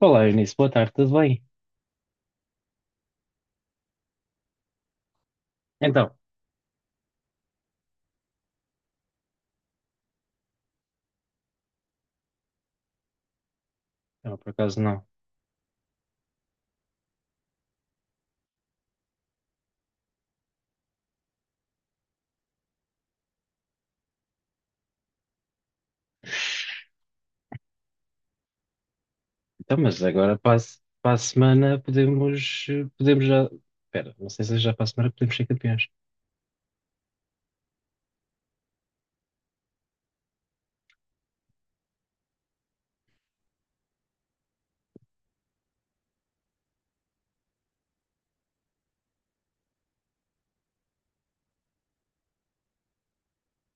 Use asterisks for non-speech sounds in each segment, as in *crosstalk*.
Olá, Eunice, boa tarde, tudo bem? Então, não, por acaso não. Então, mas agora para a, se- para a semana podemos já. Espera, não sei se já para a semana podemos ser campeões.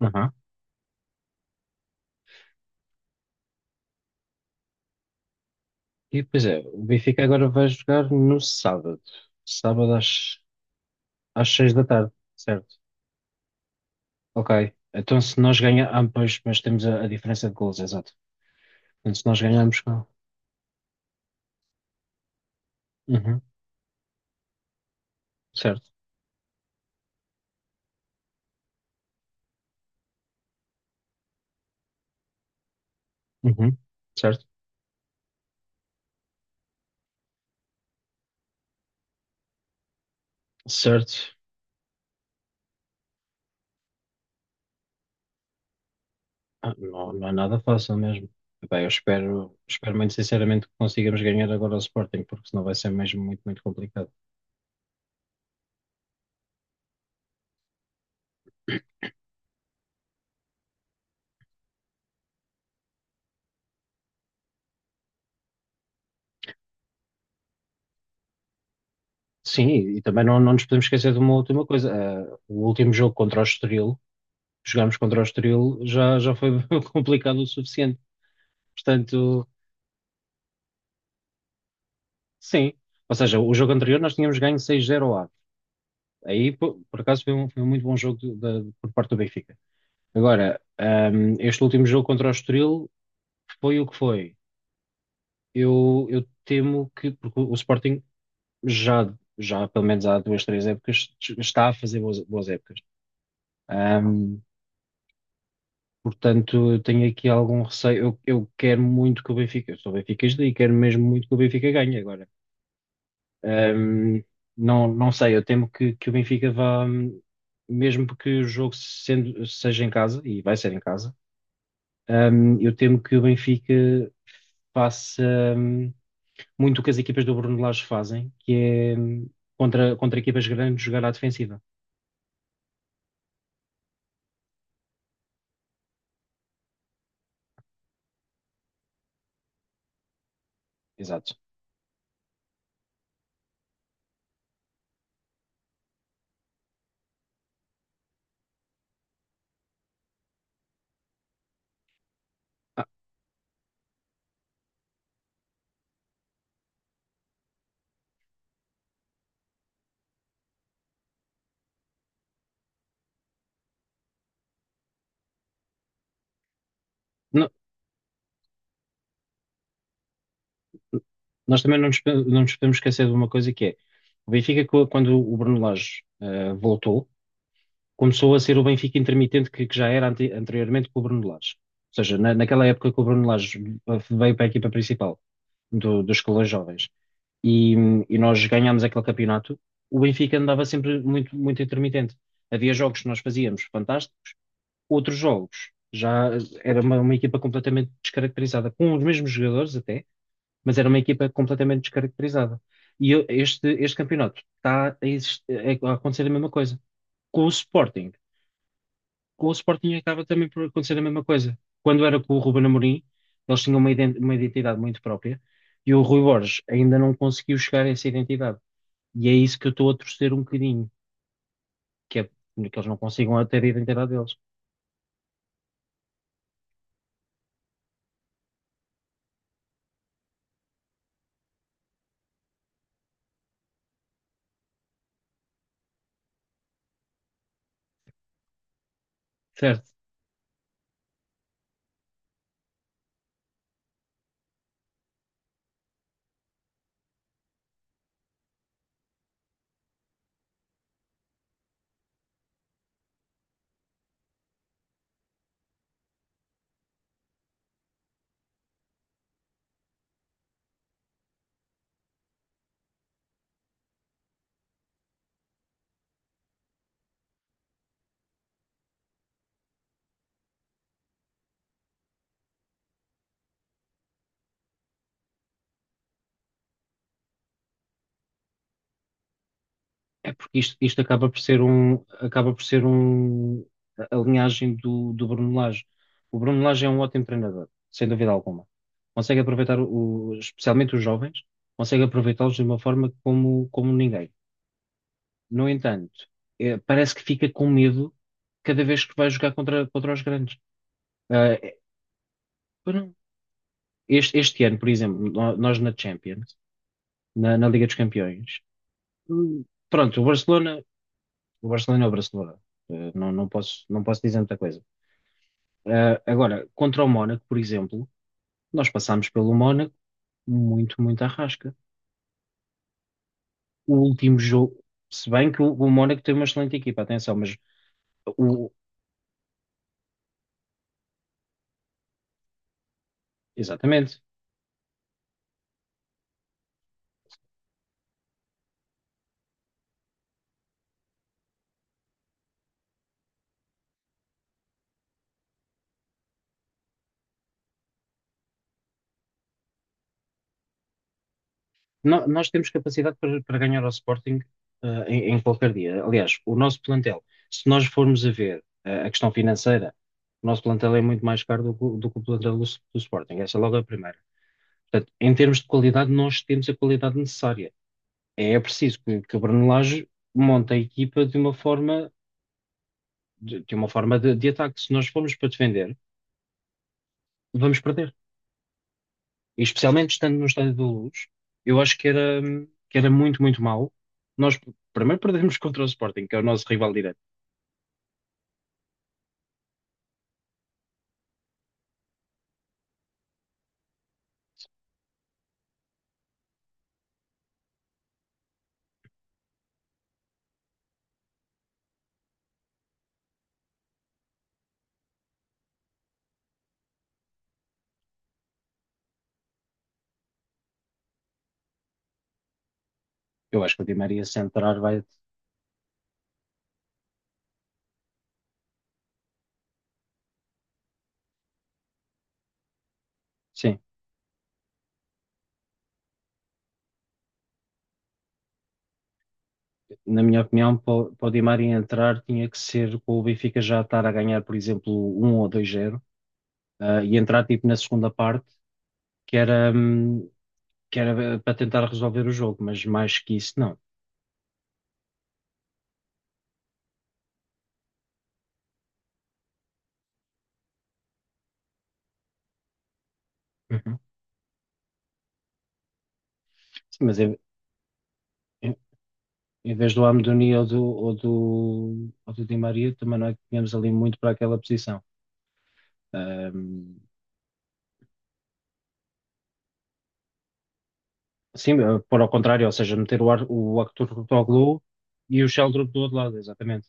Aham. E pois é, o Benfica agora vai jogar no sábado. Sábado às seis da tarde, certo? Ok. Então se nós ganharmos, pois, mas temos a diferença de gols, exato. Então se nós ganharmos com. Uhum. Certo. Uhum. Certo. Certo. Ah, não, não é nada fácil mesmo. Bem, eu espero muito sinceramente que consigamos ganhar agora ao Sporting, porque senão vai ser mesmo muito, muito complicado. Sim, e também não nos podemos esquecer de uma última coisa. Ah, o último jogo contra o Estoril, jogámos contra o Estoril, já foi *laughs* complicado o suficiente. Portanto, sim. Ou seja, o jogo anterior nós tínhamos ganho 6-0 ao Aves. Aí, por acaso, foi um muito bom jogo por parte do Benfica. Agora, este último jogo contra o Estoril foi o que foi. Eu temo que, porque o Sporting já pelo menos há duas, três épocas, está a fazer boas, boas épocas. Ahm, portanto, eu tenho aqui algum receio. Eu quero muito que o Benfica, eu sou benfiquista e quero mesmo muito que o Benfica ganhe agora. Ahm, não sei, eu temo que o Benfica vá, mesmo que o jogo seja em casa, e vai ser em casa, eu temo que o Benfica faça muito o que as equipas do Bruno Lage fazem, que é contra equipas grandes jogar à defensiva. Exato. Ah, não- nós também não nos podemos esquecer de uma coisa que é o Benfica, quando o Bruno Lage voltou, começou a ser o Benfica intermitente que já era anteriormente com o Bruno Lage. Ou seja, naquela época que o Bruno Lage veio para a equipa principal dos escalões jovens e nós ganhámos aquele campeonato, o Benfica andava sempre muito, muito intermitente. Havia jogos que nós fazíamos fantásticos, outros jogos. Já era uma equipa completamente descaracterizada, com os mesmos jogadores até, mas era uma equipa completamente descaracterizada. Este campeonato está a acontecer a mesma coisa. Com o Sporting. Com o Sporting acaba também por acontecer a mesma coisa. Quando era com o Ruben Amorim, eles tinham uma identidade muito própria e o Rui Borges ainda não conseguiu chegar a essa identidade. E é isso que eu estou a torcer um bocadinho, que é que eles não consigam ter a identidade deles. Certo? É porque isto acaba por ser um, a linhagem do Bruno Lage. O Bruno Lage é um ótimo treinador, sem dúvida alguma. Consegue aproveitar, especialmente os jovens, consegue aproveitá-los de uma forma como ninguém. No entanto, parece que fica com medo cada vez que vai jogar contra os grandes. Ah, pois não. Este ano, por exemplo, nós na Champions, na Liga dos Campeões, hum, pronto, o Barcelona. O Barcelona é o Barcelona. Não, não posso dizer muita coisa. Agora, contra o Mónaco, por exemplo, nós passámos pelo Mónaco muito, muito à rasca. O último jogo, se bem que o Mónaco tem uma excelente equipa, atenção, mas o, exatamente. Nós temos capacidade para ganhar ao Sporting, em qualquer dia. Aliás, o nosso plantel, se nós formos a ver, a questão financeira, o nosso plantel é muito mais caro do que o plantel do Sporting. Essa é logo a primeira. Portanto, em termos de qualidade, nós temos a qualidade necessária. É preciso que a Brunelage monte a equipa de uma forma de, de ataque. Se nós formos para defender, vamos perder. E especialmente estando no estádio da Luz, eu acho que era muito, muito mau. Nós primeiro perdemos *laughs* contra o Sporting, que é o nosso rival direto. Eu acho que o Di Maria se entrar vai. Sim, na minha opinião, para o Di Maria entrar tinha que ser com o Benfica já estar a ganhar, por exemplo, um ou dois zero e entrar tipo na segunda parte, que era, hum, que era para tentar resolver o jogo, mas mais que isso, não. Uhum. Sim, mas em- em vez do Amdoni ou do Di Maria, também não é que tínhamos ali muito para aquela posição. Ahm, sim, pôr ao contrário, ou seja, meter o Arthur Toglu e o Sheldrup do outro lado, exatamente.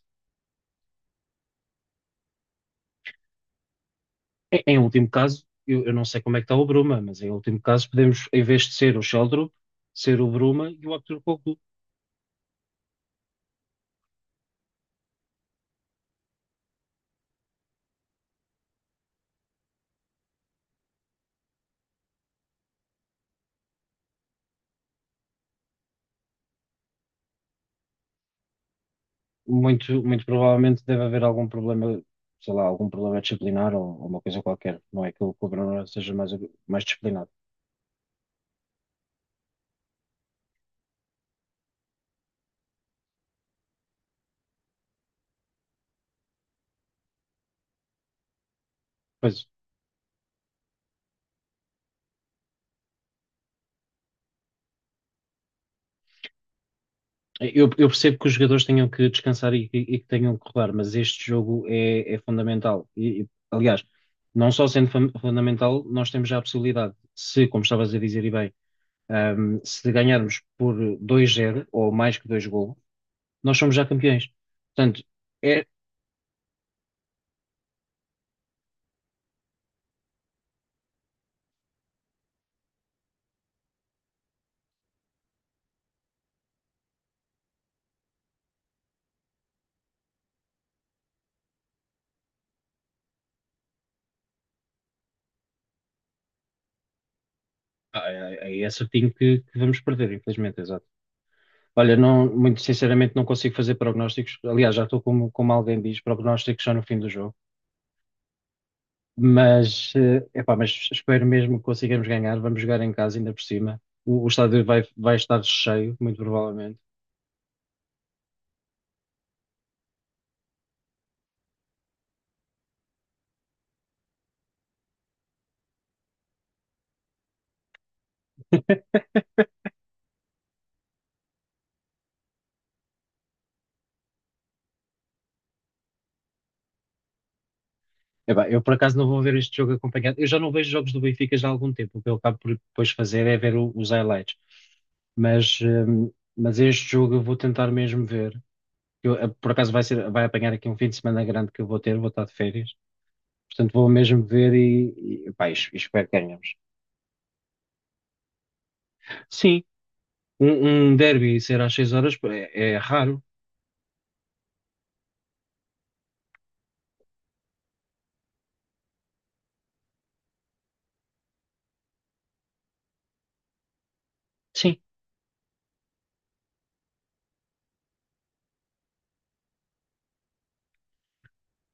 Em último caso, eu não sei como é que está o Bruma, mas em último caso podemos, em vez de ser o Sheldrup, ser o Bruma e o Arthur Toglu. Muito, muito provavelmente deve haver algum problema, sei lá, algum problema disciplinar ou uma coisa qualquer. Não é que o cobrador seja mais disciplinado. Pois, eu percebo que os jogadores tenham que descansar e que tenham que rodar, mas este jogo é fundamental. E, aliás, não só sendo fundamental, nós temos já a possibilidade, se, como estavas a dizer e bem, se ganharmos por dois 0 ou mais que dois golos, nós somos já campeões. Portanto, é, é certinho que vamos perder, infelizmente, exato. Olha, não, muito sinceramente não consigo fazer prognósticos. Aliás, já estou como alguém diz, prognósticos só no fim do jogo. Mas, epá, espero mesmo que consigamos ganhar. Vamos jogar em casa ainda por cima. O estádio vai estar cheio, muito provavelmente. Epá, eu por acaso não vou ver este jogo acompanhado. Eu já não vejo jogos do Benfica já há algum tempo. O que eu acabo por depois fazer é ver os highlights. Mas, eh, mas este jogo eu vou tentar mesmo ver. Por acaso vai apanhar aqui um fim de semana grande que eu vou estar de férias. Portanto, vou mesmo ver e pá, e espero que ganhemos. Sim, um derby ser às 6 horas é raro. Sim,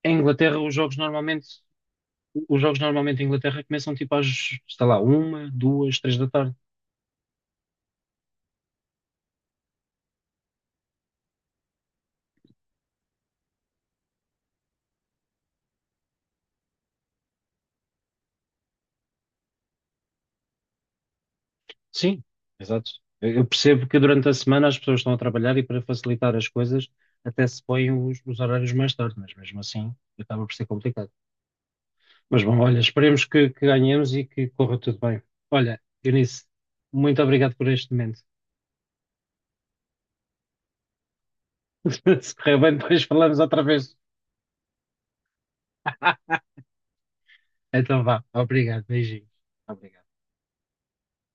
em Inglaterra os jogos normalmente em Inglaterra começam tipo às, sei lá, uma, duas, três da tarde. Sim, exato. Eu percebo que durante a semana as pessoas estão a trabalhar e para facilitar as coisas até se põem os horários mais tarde, mas mesmo assim acaba por ser complicado. Mas bom, olha, esperemos que ganhemos e que corra tudo bem. Olha, Eunice, muito obrigado por este momento. *laughs* Se correr bem, depois falamos outra vez. *laughs* Então vá. Obrigado. Beijinhos. Obrigado.